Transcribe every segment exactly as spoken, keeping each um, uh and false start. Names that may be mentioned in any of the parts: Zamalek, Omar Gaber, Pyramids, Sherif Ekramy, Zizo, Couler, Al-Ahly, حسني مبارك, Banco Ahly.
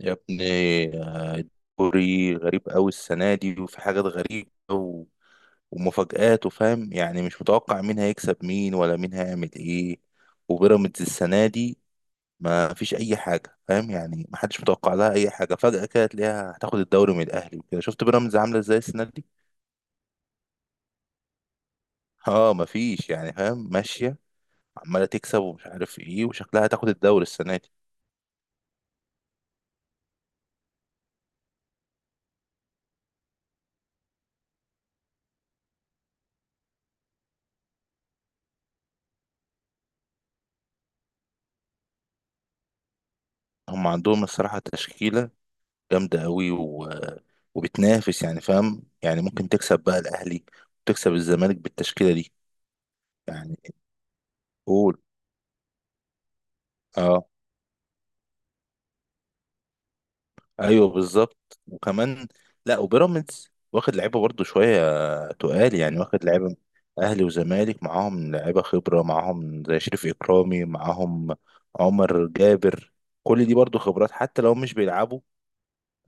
يا ابني، كوري غريب قوي السنة دي وفي حاجات غريبة و... ومفاجآت وفاهم يعني مش متوقع مين هيكسب مين ولا مين هيعمل ايه. وبيراميدز السنة دي ما فيش أي حاجة، فاهم؟ يعني ما حدش متوقع لها أي حاجة، فجأة كده تلاقيها هتاخد الدوري من الأهلي وكده. شفت بيراميدز عاملة ازاي السنة دي؟ اه ما فيش يعني، فاهم؟ ماشية عمالة تكسب ومش عارف ايه وشكلها هتاخد الدوري السنة دي. هم عندهم الصراحة تشكيلة جامدة قوي و... وبتنافس يعني، فاهم؟ يعني ممكن تكسب بقى الأهلي وتكسب الزمالك بالتشكيلة دي. يعني قول، اه ايوه بالظبط وكمان. لا، وبيراميدز واخد لعيبة برضه شوية تقال يعني، واخد لعيبة. أهلي وزمالك معاهم لعيبة خبرة معاهم، زي شريف إكرامي معاهم، عمر جابر. كل دي برضه خبرات حتى لو مش بيلعبوا.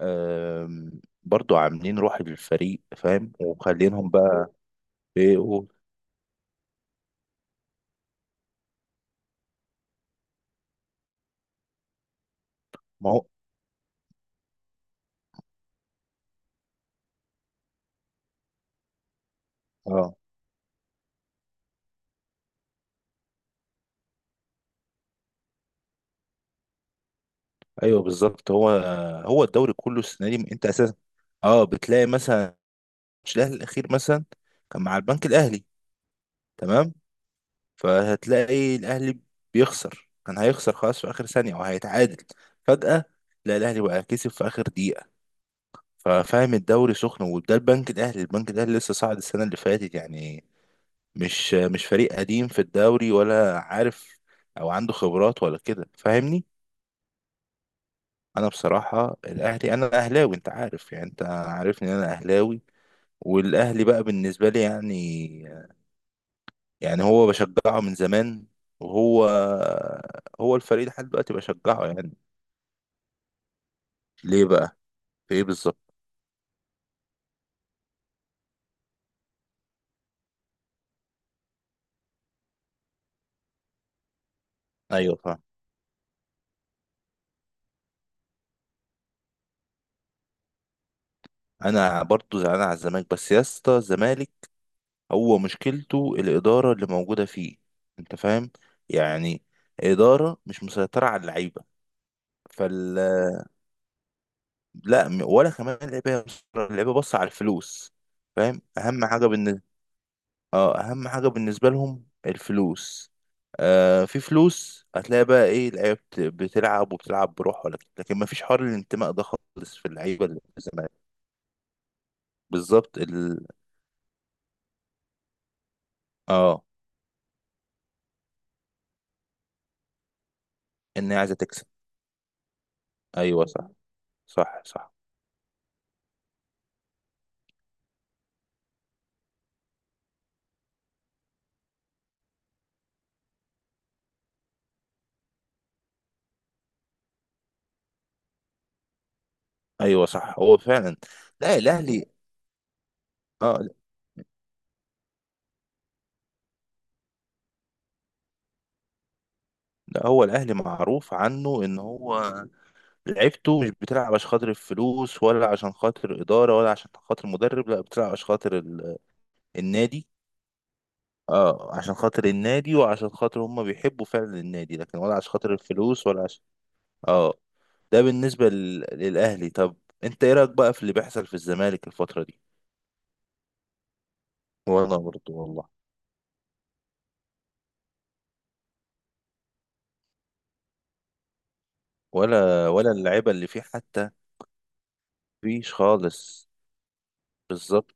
آم، برضه عاملين روح للفريق، فاهم؟ ومخلينهم بقى. ايه؟ قول. ما هو اه ايوه بالظبط. هو هو الدوري كله السنه دي انت اساسا. اه بتلاقي مثلا ماتش الاهلي الاخير مثلا كان مع البنك الاهلي، تمام؟ فهتلاقي الاهلي بيخسر، كان هيخسر خلاص في اخر ثانيه وهيتعادل. فجاه لا، الاهلي بقى كسب في اخر دقيقه. ففاهم، الدوري سخن. وده البنك الاهلي البنك الاهلي لسه صاعد السنه اللي فاتت يعني، مش مش فريق قديم في الدوري، ولا عارف او عنده خبرات ولا كده، فاهمني؟ انا بصراحه الاهلي، انا اهلاوي، انت عارف يعني، انت عارفني إن انا اهلاوي. والاهلي بقى بالنسبه لي يعني يعني هو بشجعه من زمان، وهو هو الفريق لحد دلوقتي بشجعه يعني. ليه بقى؟ في ايه بالظبط؟ ايوه فاهم. انا برضو زعلان على الزمالك بس، يا اسطى، الزمالك هو مشكلته الاداره اللي موجوده فيه، انت فاهم؟ يعني اداره مش مسيطره على اللعيبه. فال، لا، م- ولا كمان اللعيبه اللعيبه بص على الفلوس، فاهم؟ اهم حاجه بالنسبه، اه اهم حاجه بالنسبه لهم الفلوس. آه في فلوس. هتلاقي بقى ايه؟ اللعيبه بت- بتلعب وبتلعب بروح ولا كده. لكن ما فيش حوار الانتماء ده خالص في اللعيبه اللي في الزمالك. بالظبط ال... اه، ان هي عايزه تكسب. ايوه، صح، صح، صح. ايوه صح، هو فعلا. لا الاهلي، اه لا، هو الاهلي معروف عنه ان هو لعبته مش بتلعب عشان خاطر الفلوس، ولا عشان خاطر إدارة، ولا عشان خاطر مدرب، لا بتلعب عشان خاطر ال- النادي. اه عشان خاطر النادي، وعشان خاطر هم بيحبوا فعلا النادي، لكن ولا عشان خاطر الفلوس ولا عشان. اه. ده بالنسبة لل... للأهلي. طب انت ايه رأيك بقى في اللي بيحصل في الزمالك الفترة دي؟ ولا برضه والله. ولا ولا اللعيبة اللي فيه حتى. مفيش خالص. بالظبط.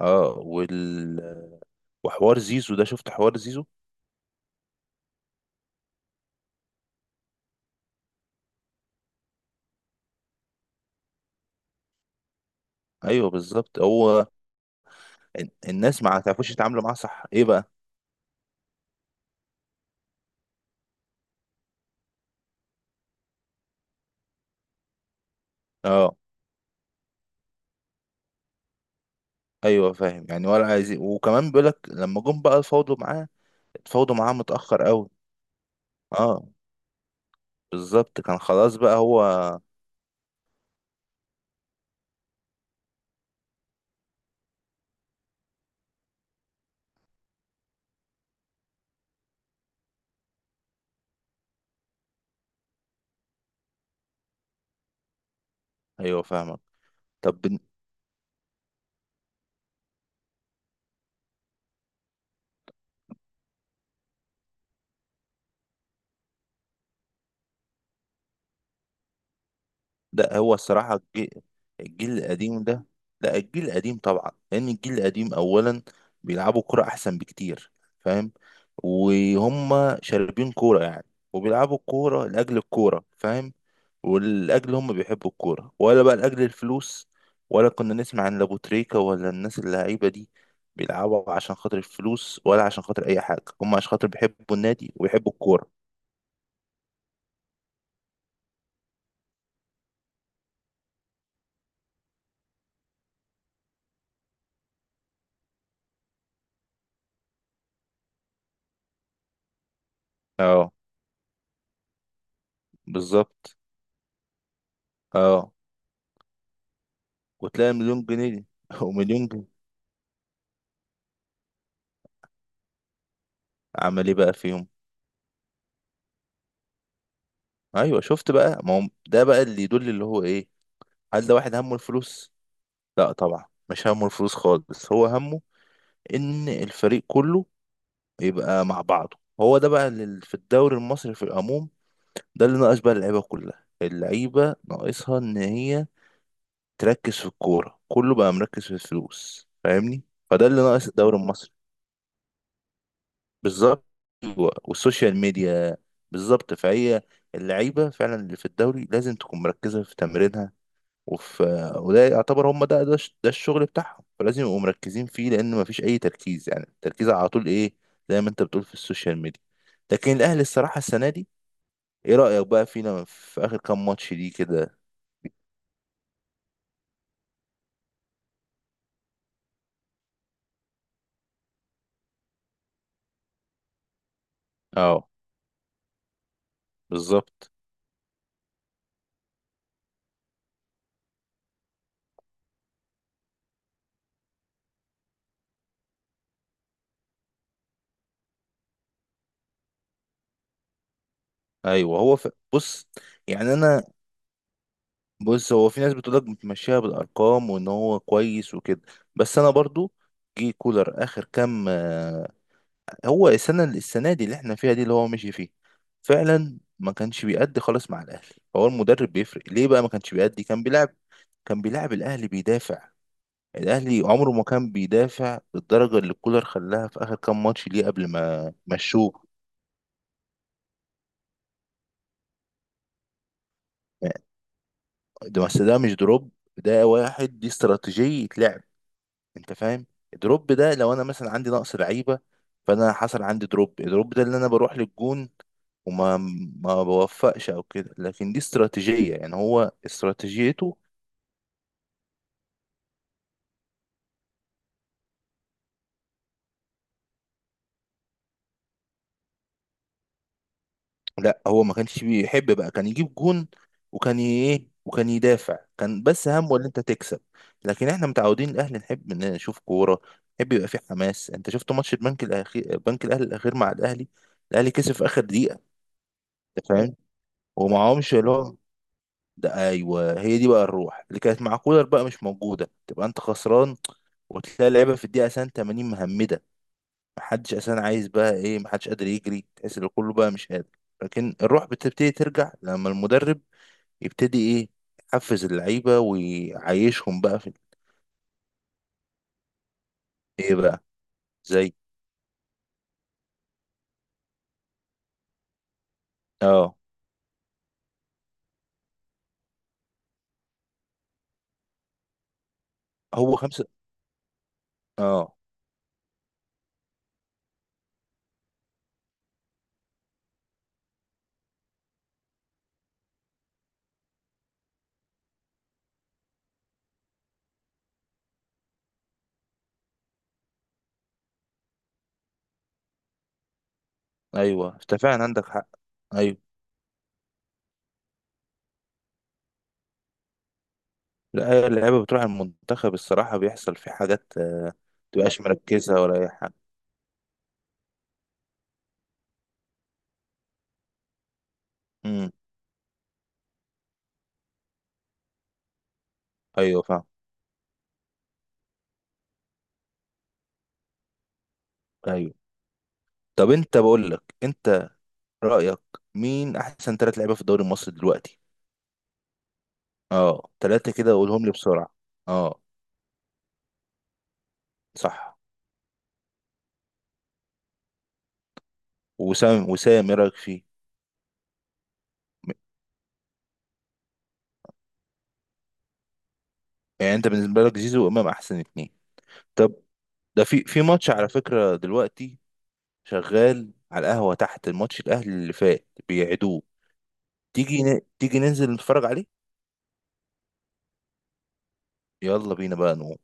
اه وال... وحوار زيزو ده، شفت حوار زيزو؟ ايوه بالظبط، هو ال- الناس ما تعرفوش يتعاملوا معاه، صح؟ ايه بقى؟ اه ايوه فاهم يعني، ولا عايزين. وكمان بيقولك لما جم بقى الفوضى معاه، اتفاوضوا معاه متأخر قوي. اه بالظبط، كان خلاص بقى هو. ايوه فاهمك. طب بن- لا، هو الصراحة الجي- الجيل القديم ده. لا الجيل القديم طبعا، لان الجيل القديم اولا بيلعبوا كرة احسن بكتير، فاهم؟ وهم شاربين كورة يعني، وبيلعبوا الكورة لأجل الكورة، فاهم؟ والأجل هم بيحبوا الكورة، ولا بقى لأجل الفلوس، ولا كنا نسمع عن لابوتريكا. ولا الناس اللعيبة دي بيلعبوا عشان خاطر الفلوس ولا عشان خاطر أي حاجة، هم عشان خاطر بيحبوا النادي ويحبوا الكورة. اه بالظبط. اه وتلاقي مليون جنيه دي ومليون جنيه. عمل ايه بقى فيهم؟ ايوه شفت بقى، ما هو ده بقى اللي يدل اللي هو ايه؟ هل ده واحد همه الفلوس؟ لا طبعا مش همه الفلوس خالص، هو همه ان الفريق كله يبقى مع بعضه. هو ده بقى اللي في الدوري المصري في العموم، ده اللي ناقص بقى. اللعيبه كلها، اللعيبه ناقصها ان هي تركز في الكوره، كله بقى مركز في الفلوس، فاهمني؟ فده اللي ناقص الدوري المصري. بالظبط. أيوة، والسوشيال ميديا. بالظبط، فهي اللعيبه فعلا اللي في الدوري لازم تكون مركزه في تمرينها وفي، وده يعتبر هم ده ده, الش- ده الشغل بتاعهم، فلازم يبقوا مركزين فيه، لان مفيش اي تركيز يعني، التركيز على طول ايه؟ زي ما انت بتقول في السوشيال ميديا. لكن الاهلي الصراحه السنه دي، ايه رايك بقى فينا في اخر كام ماتش دي كده؟ اه بالظبط. ايوه هو ف... بص يعني. انا بص، هو في ناس بتقول لك بتمشيها بالارقام وان هو كويس وكده، بس انا برضو جه كولر اخر كام. آه، هو السنه السنه دي اللي احنا فيها دي اللي هو مشي فيه فعلا ما كانش بيأدي خالص مع الاهلي. فهو المدرب بيفرق ليه بقى؟ ما كانش بيأدي، كان بيلعب كان بيلعب الاهلي بيدافع. الاهلي عمره ما كان بيدافع بالدرجه اللي كولر خلاها في اخر كام ماتش ليه قبل ما مشوه. ده بس ده مش دروب، ده واحد، دي استراتيجية لعب، انت فاهم؟ الدروب ده لو انا مثلا عندي نقص لعيبة، فانا حصل عندي دروب. الدروب ده اللي انا بروح للجون وما ما بوفقش او كده، لكن دي استراتيجية يعني، هو استراتيجيته. لا هو ما كانش بيحب بقى كان يجيب جون، وكان ي- ايه، وكان يدافع. كان بس همه ان انت تكسب. لكن احنا متعودين الاهلي نحب ان نشوف كورة، نحب يبقى فيه حماس. انت شفت ماتش البنك الاخير، بنك الاهلي الاخير مع الاهلي، الاهلي كسب في اخر دقيقة، انت فاهم؟ ومعهمش اللي هو ده. ايوه، هي دي بقى الروح اللي كانت مع كولر بقى مش موجوده. تبقى انت خسران، وتلاقي اللعيبه في الدقيقه اساسا تمانين مهمده. محدش اساسا عايز بقى ايه، محدش قادر يجري، تحس ان كله بقى مش قادر. لكن الروح بتبتدي ترجع لما المدرب يبتدي ايه، يحفز اللعيبه ويعيشهم بقى في ايه بقى، زي اه هو خمسه. اه ايوه انت فعلا عندك حق. أيوة. لا، اللعيبة بتروح المنتخب الصراحة، بيحصل في حاجات آه، متبقاش مركزة ولا أي حاجة. امم أيوه فاهم. أيوه. طب أنت، بقول لك، أنت رأيك مين أحسن ثلاث لعيبة في الدوري المصري دلوقتي؟ أه، ثلاثة كده، قولهم لي بسرعة. أه. صح. وسام، وسام إيه رأيك فيه؟ م- يعني أنت بالنسبة لك زيزو وإمام أحسن اتنين. طب ده في في ماتش على فكرة دلوقتي شغال على القهوة تحت. الماتش الأهلي اللي فات بيعيدوه، تيجي ن... تيجي ننزل نتفرج عليه؟ يلا بينا بقى نقوم.